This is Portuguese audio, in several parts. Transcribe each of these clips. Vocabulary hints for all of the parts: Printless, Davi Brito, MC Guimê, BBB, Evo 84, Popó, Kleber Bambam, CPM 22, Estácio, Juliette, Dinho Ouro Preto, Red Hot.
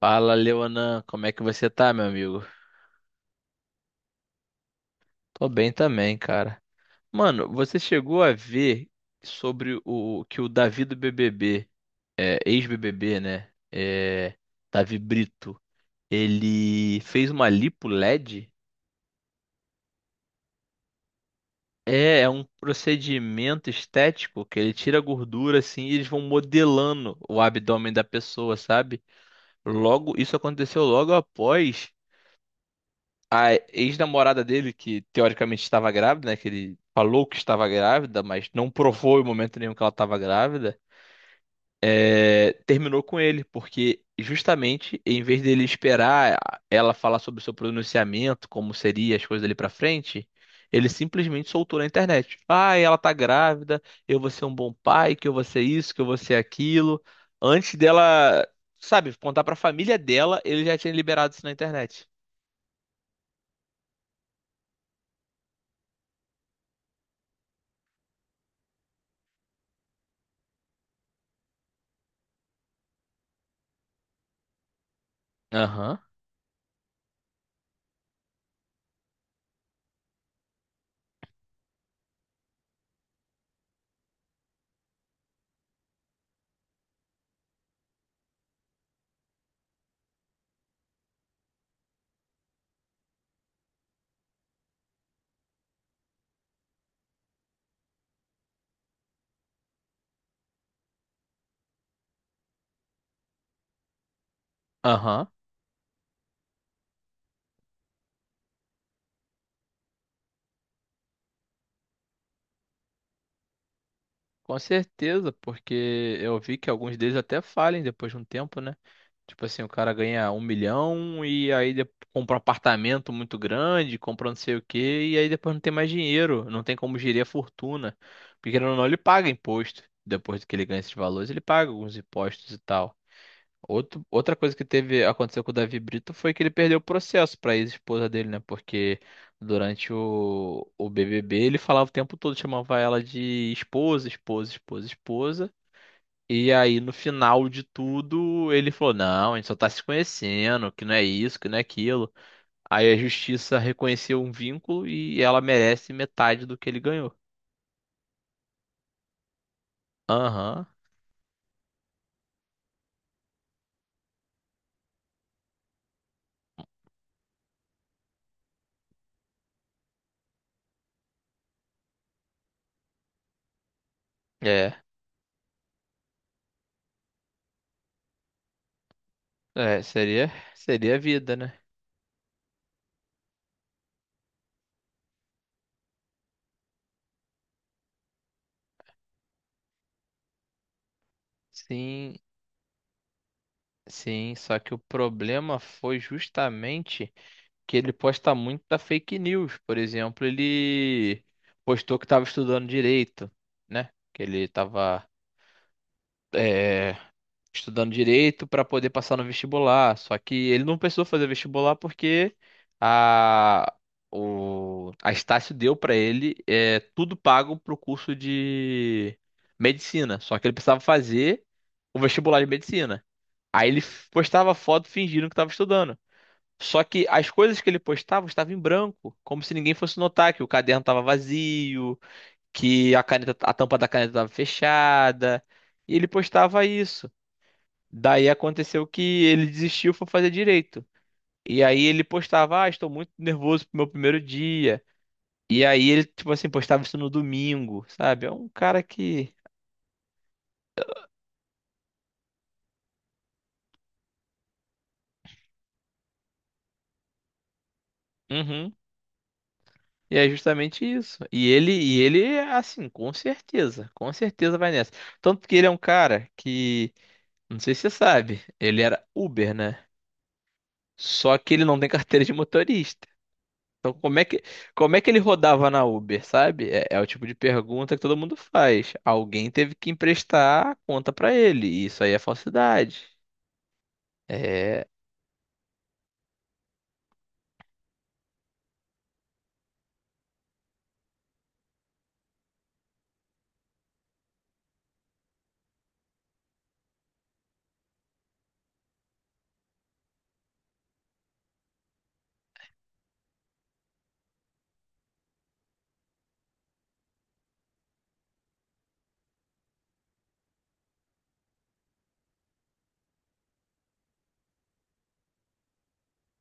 Fala, Leonan, como é que você tá, meu amigo? Tô bem também, cara. Mano, você chegou a ver sobre o que o Davi do BBB, ex-BBB, né? Davi Brito, ele fez uma lipo LED? É, é um procedimento estético que ele tira a gordura assim e eles vão modelando o abdômen da pessoa, sabe? Logo, isso aconteceu logo após a ex-namorada dele, que teoricamente estava grávida, né? Que ele falou que estava grávida, mas não provou em momento nenhum que ela estava grávida, terminou com ele, porque justamente em vez dele esperar ela falar sobre o seu pronunciamento, como seria as coisas dali pra frente. Ele simplesmente soltou na internet. Ah, ela tá grávida, eu vou ser um bom pai, que eu vou ser isso, que eu vou ser aquilo. Antes dela, sabe, contar pra família dela, ele já tinha liberado isso na internet. Aham, aham. Com certeza, porque eu vi que alguns deles até falem depois de um tempo, né? Tipo assim, o cara ganha 1 milhão e aí compra um apartamento muito grande, compra não sei o quê, e aí depois não tem mais dinheiro, não tem como gerir a fortuna. Porque querendo ou não, ele paga imposto. Depois que ele ganha esses valores, ele paga alguns impostos e tal. Outro, outra coisa que teve aconteceu com o Davi Brito foi que ele perdeu o processo para a ex-esposa dele, né? Porque durante o BBB ele falava o tempo todo, chamava ela de esposa, esposa, esposa, esposa. E aí no final de tudo ele falou: Não, a gente só tá se conhecendo, que não é isso, que não é aquilo. Aí a justiça reconheceu um vínculo e ela merece metade do que ele ganhou. Aham, é, é, seria, seria a vida, né? Sim, sim, só que o problema foi justamente que ele posta muita fake news. Por exemplo, ele postou que estava estudando direito, né? Que ele estava estudando direito para poder passar no vestibular. Só que ele não precisou fazer vestibular porque a, a Estácio deu para ele tudo pago para o curso de medicina. Só que ele precisava fazer o vestibular de medicina. Aí ele postava foto fingindo que estava estudando. Só que as coisas que ele postava estavam em branco, como se ninguém fosse notar que o caderno estava vazio, que a caneta, a tampa da caneta estava fechada. E ele postava isso. Daí aconteceu que ele desistiu e foi fazer direito. E aí ele postava, ah, estou muito nervoso pro meu primeiro dia. E aí ele, tipo assim, postava isso no domingo, sabe? É um cara que. Uhum. E é justamente isso. E ele, assim, com certeza vai nessa. Tanto que ele é um cara que, não sei se você sabe, ele era Uber, né? Só que ele não tem carteira de motorista. Então, como é que ele rodava na Uber, sabe? É, é o tipo de pergunta que todo mundo faz. Alguém teve que emprestar a conta pra ele. E isso aí é falsidade. É,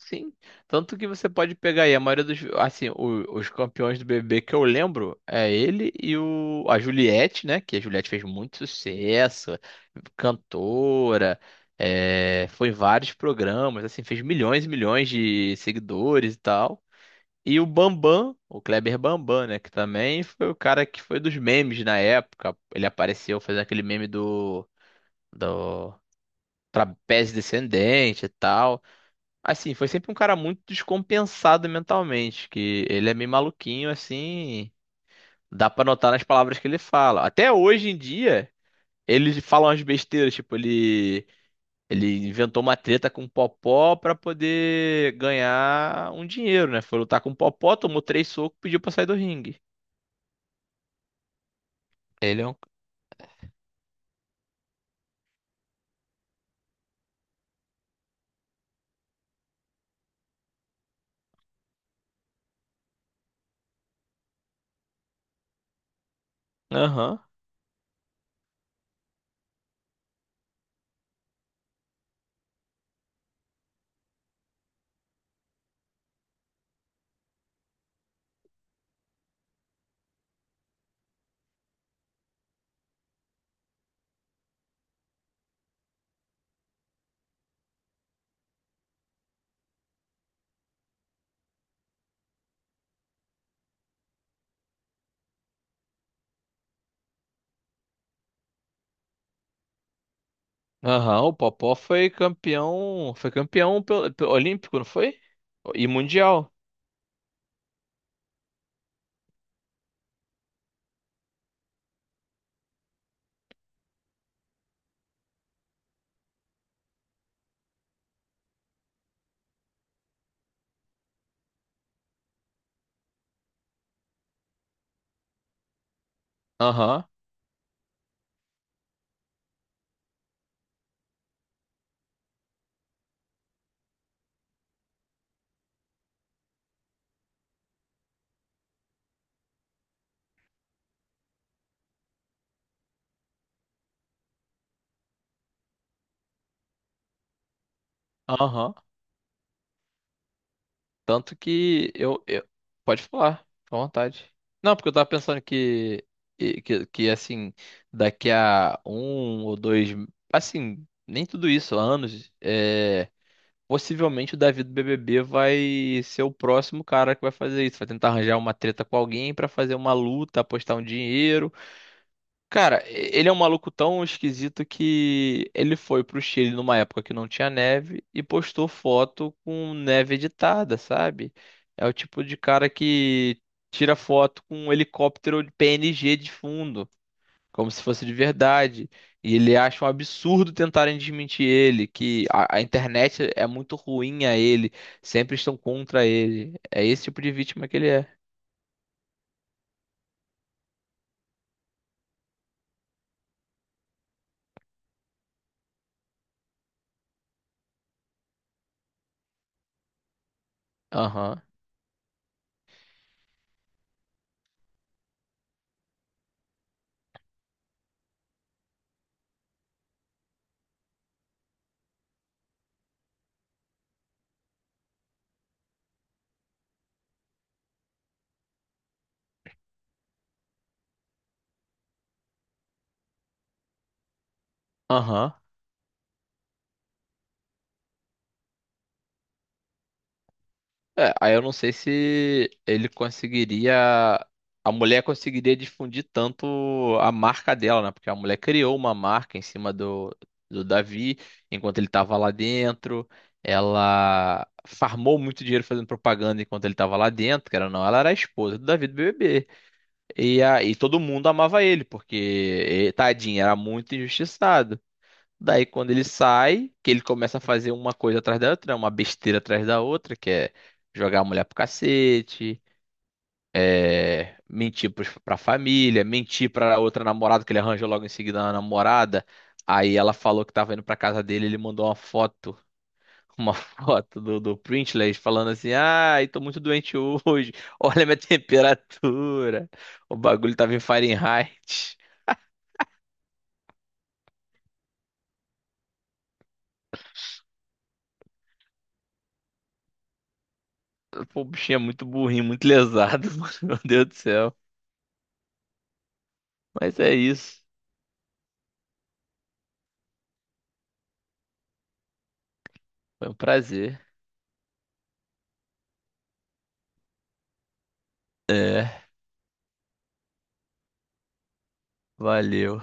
sim, tanto que você pode pegar aí a maioria dos, assim, os campeões do BBB que eu lembro é ele e a Juliette, né? Que a Juliette fez muito sucesso, cantora, foi em vários programas, assim, fez milhões e milhões de seguidores e tal. E o Bambam, o Kleber Bambam, né? Que também foi o cara que foi dos memes na época. Ele apareceu fazendo aquele meme do trapézio descendente e tal. Assim, foi sempre um cara muito descompensado mentalmente, que ele é meio maluquinho, assim, dá pra notar nas palavras que ele fala. Até hoje em dia, ele fala umas besteiras, tipo, ele inventou uma treta com o Popó pra poder ganhar um dinheiro, né? Foi lutar com o Popó, tomou três socos, pediu pra sair do ringue. Ele é um... Aham. Aham, o Popó foi campeão olímpico, não foi? E mundial. Aham, aham. Tanto que eu- Pode falar, fica à vontade. Não, porque eu tava pensando que, assim, daqui a um ou dois, assim, nem tudo isso, anos, possivelmente o Davi do BBB vai ser o próximo cara que vai fazer isso. Vai tentar arranjar uma treta com alguém pra fazer uma luta, apostar um dinheiro. Cara, ele é um maluco tão esquisito que ele foi pro Chile numa época que não tinha neve e postou foto com neve editada, sabe? É o tipo de cara que tira foto com um helicóptero de PNG de fundo, como se fosse de verdade. E ele acha um absurdo tentarem desmentir ele, que a internet é muito ruim a ele, sempre estão contra ele. É esse tipo de vítima que ele é. Aham, aham. É, aí eu não sei se ele conseguiria. A mulher conseguiria difundir tanto a marca dela, né? Porque a mulher criou uma marca em cima do Davi, enquanto ele estava lá dentro. Ela farmou muito dinheiro fazendo propaganda enquanto ele estava lá dentro, que era não, ela era a esposa do Davi do BBB. E, todo mundo amava ele, porque tadinho, era muito injustiçado. Daí quando ele sai, que ele começa a fazer uma coisa atrás da outra, né, uma besteira atrás da outra, que é jogar a mulher pro cacete, mentir pra família, mentir pra outra namorada, que ele arranjou logo em seguida uma namorada. Aí ela falou que tava indo pra casa dele, ele mandou uma foto, uma foto do Printless falando assim, ai, tô muito doente hoje, olha a minha temperatura, o bagulho tava em Fahrenheit. Pô, o bichinho é muito burrinho, muito lesado, mano, meu Deus do céu. Mas é isso. Foi um prazer. Valeu.